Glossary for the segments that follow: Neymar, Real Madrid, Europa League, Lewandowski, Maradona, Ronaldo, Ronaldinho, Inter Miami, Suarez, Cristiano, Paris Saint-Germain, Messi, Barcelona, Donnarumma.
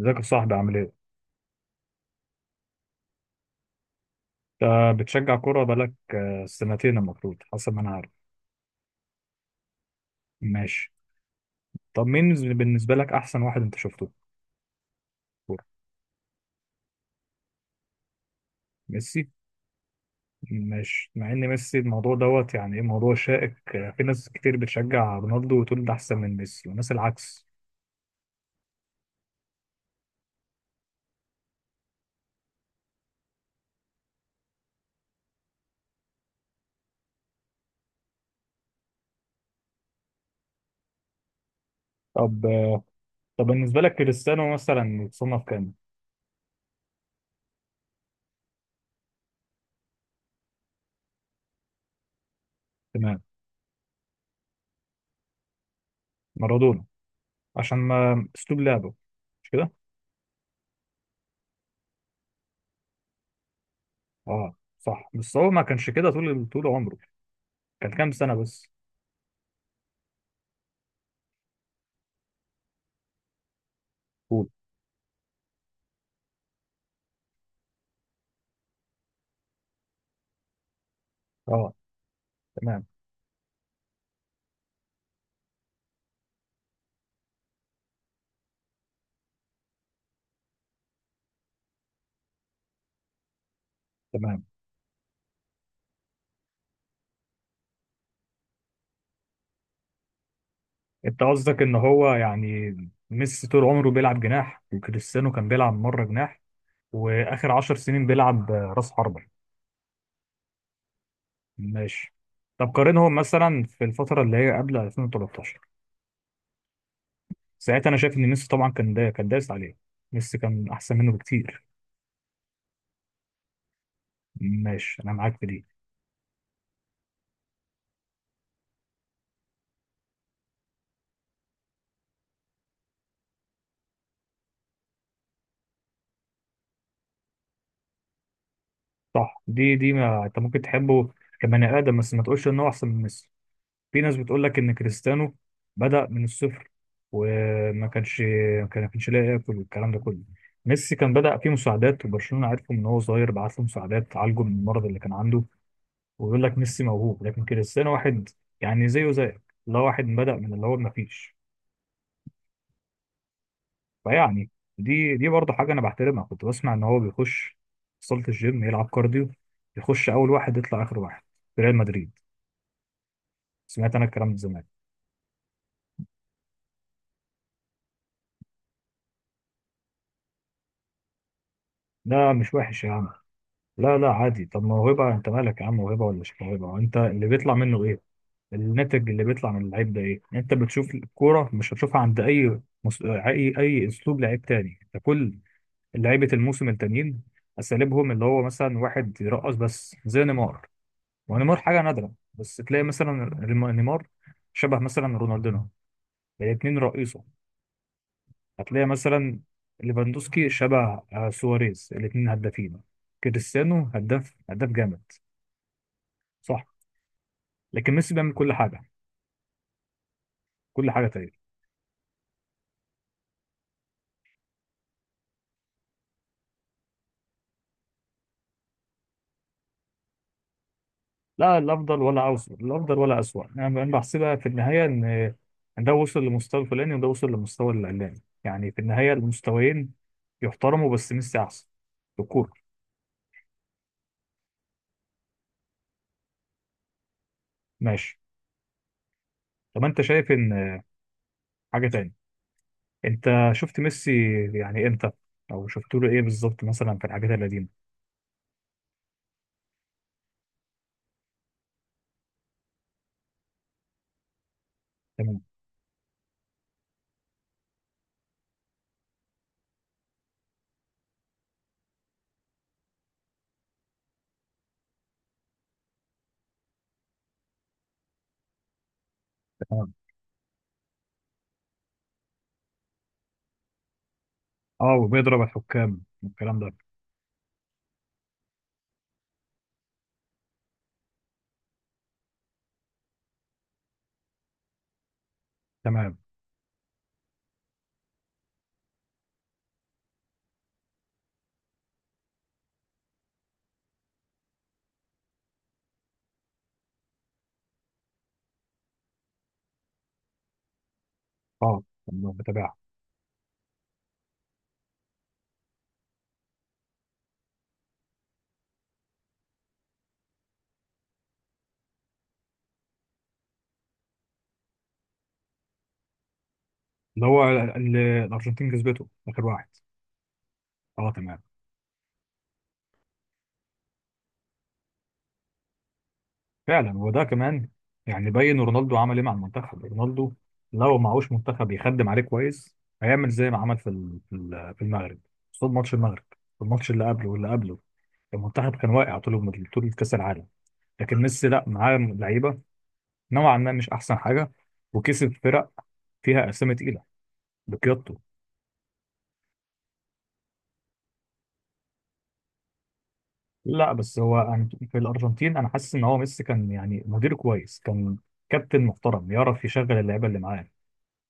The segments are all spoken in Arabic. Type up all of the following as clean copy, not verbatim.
ازيك يا صاحبي عامل ايه؟ انت بتشجع كورة بقالك سنتين المفروض حسب ما انا عارف. ماشي. طب مين بالنسبة لك أحسن واحد أنت شفته في الكورة؟ ميسي؟ ماشي، مع إن ميسي الموضوع دوت يعني إيه موضوع شائك، في ناس كتير بتشجع رونالدو وتقول ده أحسن من ميسي وناس العكس. طب. طب بالنسبة لك كريستيانو مثلا يتصنف كام؟ تمام. مارادونا. عشان ما أسلوب لعبه. مش كده؟ أه، صح، بس هو ما كانش كده طول عمره. كان كام سنة بس؟ قول. أه. تمام. تمام. انت قصدك ان هو يعني ميسي طول عمره بيلعب جناح وكريستيانو كان بيلعب مره جناح واخر 10 سنين بيلعب راس حربة. ماشي. طب قارنهم مثلا في الفتره اللي هي قبل 2013. ساعتها انا شايف ان ميسي طبعا كان دا كان دايس عليه. ميسي كان احسن منه بكتير. ماشي، انا معاك في دي. صح، دي ما انت ممكن تحبه كبني ادم، بس ما تقولش ان هو احسن من ميسي. في ناس بتقول لك ان كريستيانو بدأ من الصفر وما كانش ما كانش لاقي ياكل والكلام ده كله. ميسي كان بدأ فيه مساعدات، وبرشلونة عرفه من هو صغير بعت له مساعدات تعالجه من المرض اللي كان عنده. ويقول لك ميسي موهوب لكن كريستيانو واحد يعني زيه زيك، اللي هو واحد بدأ من اللي هو ما فيش. فيعني دي برضه حاجة انا بحترمها. كنت بسمع ان هو بيخش صالة الجيم يلعب كارديو، يخش اول واحد يطلع اخر واحد في ريال مدريد. سمعت انا الكلام ده زمان. ده مش وحش يا عم. لا لا، عادي. طب موهبة، انت مالك يا عم، موهبة ولا مش موهبة، وانت اللي بيطلع منه ايه، الناتج اللي بيطلع من اللعيب ده ايه يعني. انت بتشوف الكورة مش هتشوفها عند اي مس... اي اي اسلوب لعيب تاني. انت كل لعيبة الموسم التانيين اساليبهم، اللي هو مثلا واحد يرقص بس زي نيمار، ونيمار حاجة نادرة. بس تلاقي مثلا نيمار شبه مثلا رونالدينو، الاتنين رئيسه. هتلاقي مثلا ليفاندوسكي شبه، سواريز، الاتنين هدافين. كريستيانو هداف، هداف جامد. صح. لكن ميسي بيعمل كل حاجه، كل حاجه تقريبا. لا الافضل ولا اوسط، الافضل ولا اسوأ. انا أنا بحسبها في النهايه ان ده وصل لمستوى الفلاني وده وصل لمستوى العلاني، يعني في النهايه المستويين يحترموا، بس ميسي احسن في الكوره. ماشي. طب انت شايف ان حاجه تاني؟ انت شفت ميسي يعني امتى، او شفت له ايه بالظبط مثلا في الحاجات القديمه؟ تمام. تمام. اه، وبيضرب الحكام والكلام ده. تمام. اه تمام، بتابعها. اللي هو الارجنتين كسبته اخر واحد. اه تمام. فعلا، وده كمان يعني، بين رونالدو عمل ايه مع المنتخب؟ رونالدو لو معهوش منتخب يخدم عليه كويس هيعمل زي ما عمل في في المغرب. قصاد ماتش المغرب، الماتش اللي قبله واللي قبله، المنتخب كان واقع طول كاس العالم. لكن ميسي لا، معاه لعيبه نوعا ما مش احسن حاجه، وكسب فرق فيها اسامي تقيله بقيادته. لا بس هو، في الارجنتين انا حاسس ان هو ميسي كان يعني مدير كويس، كان كابتن محترم يعرف يشغل اللعيبه اللي معاه.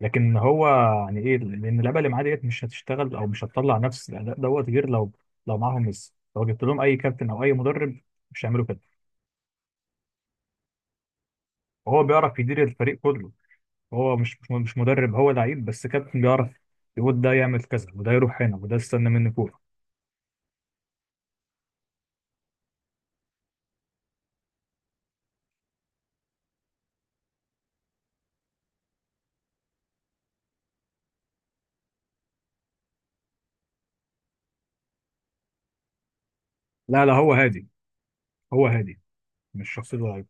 لكن هو يعني ايه، لان اللعبه اللي معاه ديت مش هتشتغل او مش هتطلع نفس الاداء دوت غير لو، لو معاهم ميسي. لو جبت لهم اي كابتن او اي مدرب مش هيعملوا كده. وهو بيعرف يدير الفريق كله. هو مش مدرب، هو لعيب بس كابتن بيعرف يقول ده يعمل كذا وده يروح هنا وده استنى مني كوره. لا لا، هو هادي. هو هادي مش شخصيه لعيب.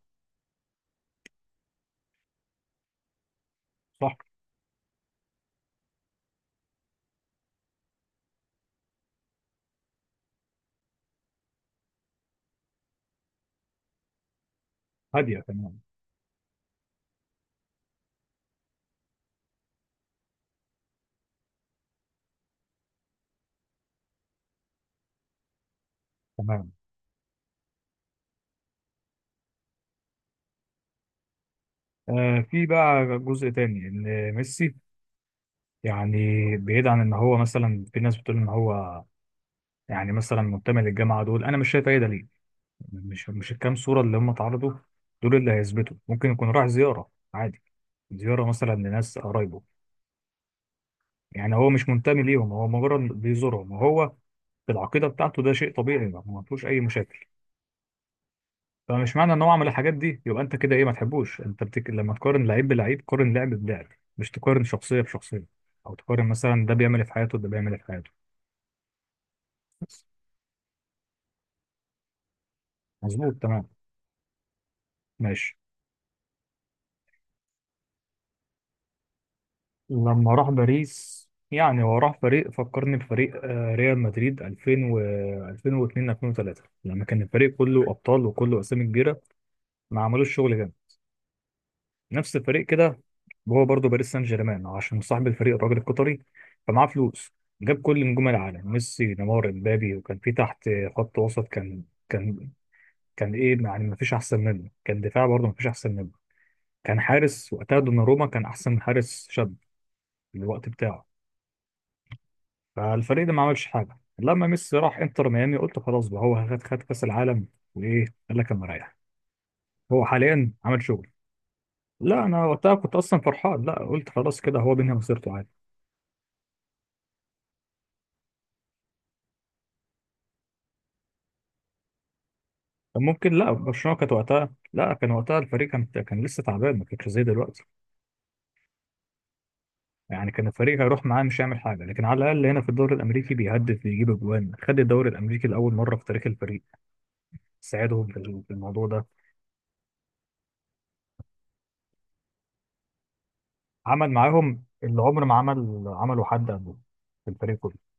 صح، هاديه تمام. تمام. في بقى جزء تاني، ان ميسي يعني، بعيد عن ان هو مثلا في ناس بتقول ان هو يعني مثلا منتمي للجامعه دول. انا مش شايف اي دليل. مش الكام صوره اللي هم اتعرضوا دول اللي هيثبتوا. ممكن يكون راح زياره عادي، زياره مثلا لناس قرايبه. يعني هو مش منتمي ليهم، هو مجرد بيزورهم، وهو في العقيده بتاعته ده شيء طبيعي ما فيهوش اي مشاكل. فمش معنى ان هو عمل الحاجات دي يبقى انت كده ايه، ما تحبوش. انت لما تقارن لعيب بلعيب قارن لعب بلعب، مش تقارن شخصيه بشخصيه، او تقارن مثلا ده بيعمل إيه في حياته وده بيعمل إيه في حياته. بس. مظبوط تمام. ماشي. لما راح باريس، يعني هو راح فريق فكرني بفريق، ريال مدريد 2000 و 2002 2003 لما كان الفريق كله ابطال وكله اسامي كبيره ما عملوش شغل جامد، نفس الفريق كده. هو برضه باريس سان جيرمان، عشان صاحب الفريق الراجل القطري فمعاه فلوس، جاب كل نجوم العالم: ميسي، نيمار، امبابي. وكان في تحت خط وسط، كان كان كان ايه يعني ما فيش احسن منه، كان دفاع برضه ما فيش احسن منه، كان حارس وقتها دوناروما كان احسن حارس شاب في الوقت بتاعه. فالفريق ده ما عملش حاجه. لما ميسي راح انتر ميامي قلت خلاص بقى، هو خد كاس العالم وايه، قال لك انا رايح. هو حاليا عمل شغل. لا، انا وقتها كنت اصلا فرحان، لا قلت خلاص كده هو بينهي مسيرته عادي. كان ممكن. لا برشلونه كانت وقتها، لا كان وقتها الفريق كان، كان لسه تعبان ما كانش زي دلوقتي. يعني كان الفريق هيروح معاه مش هيعمل حاجه، لكن على الاقل هنا في الدوري الامريكي بيهدف بيجيب اجوان، خد الدوري الامريكي لاول مره في تاريخ الفريق. ساعدهم في الموضوع ده. عمل معاهم اللي عمر ما عمل عمله حد قبله في الفريق كله.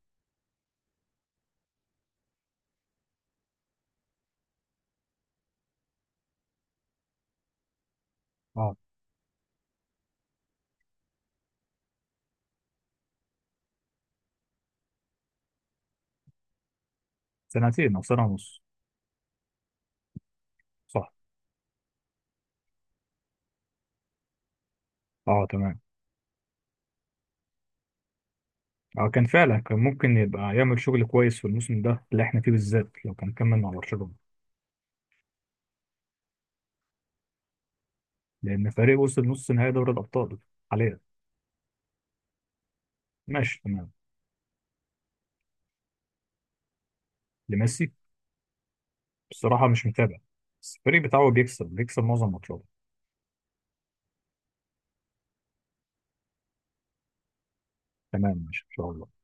اه، سنتين او سنه ونص. صح. اه تمام. اه، كان فعلا كان ممكن يبقى يعمل شغل كويس في الموسم ده اللي احنا فيه بالذات لو كان كمل مع برشلونه. لان فريق وصل نص نهائي دوري الابطال حاليا. ماشي تمام. لميسي؟ بصراحه مش متابع، بس الفريق بتاعه بيكسب، معظم ماتشاته. تمام ماشي، ان شاء الله.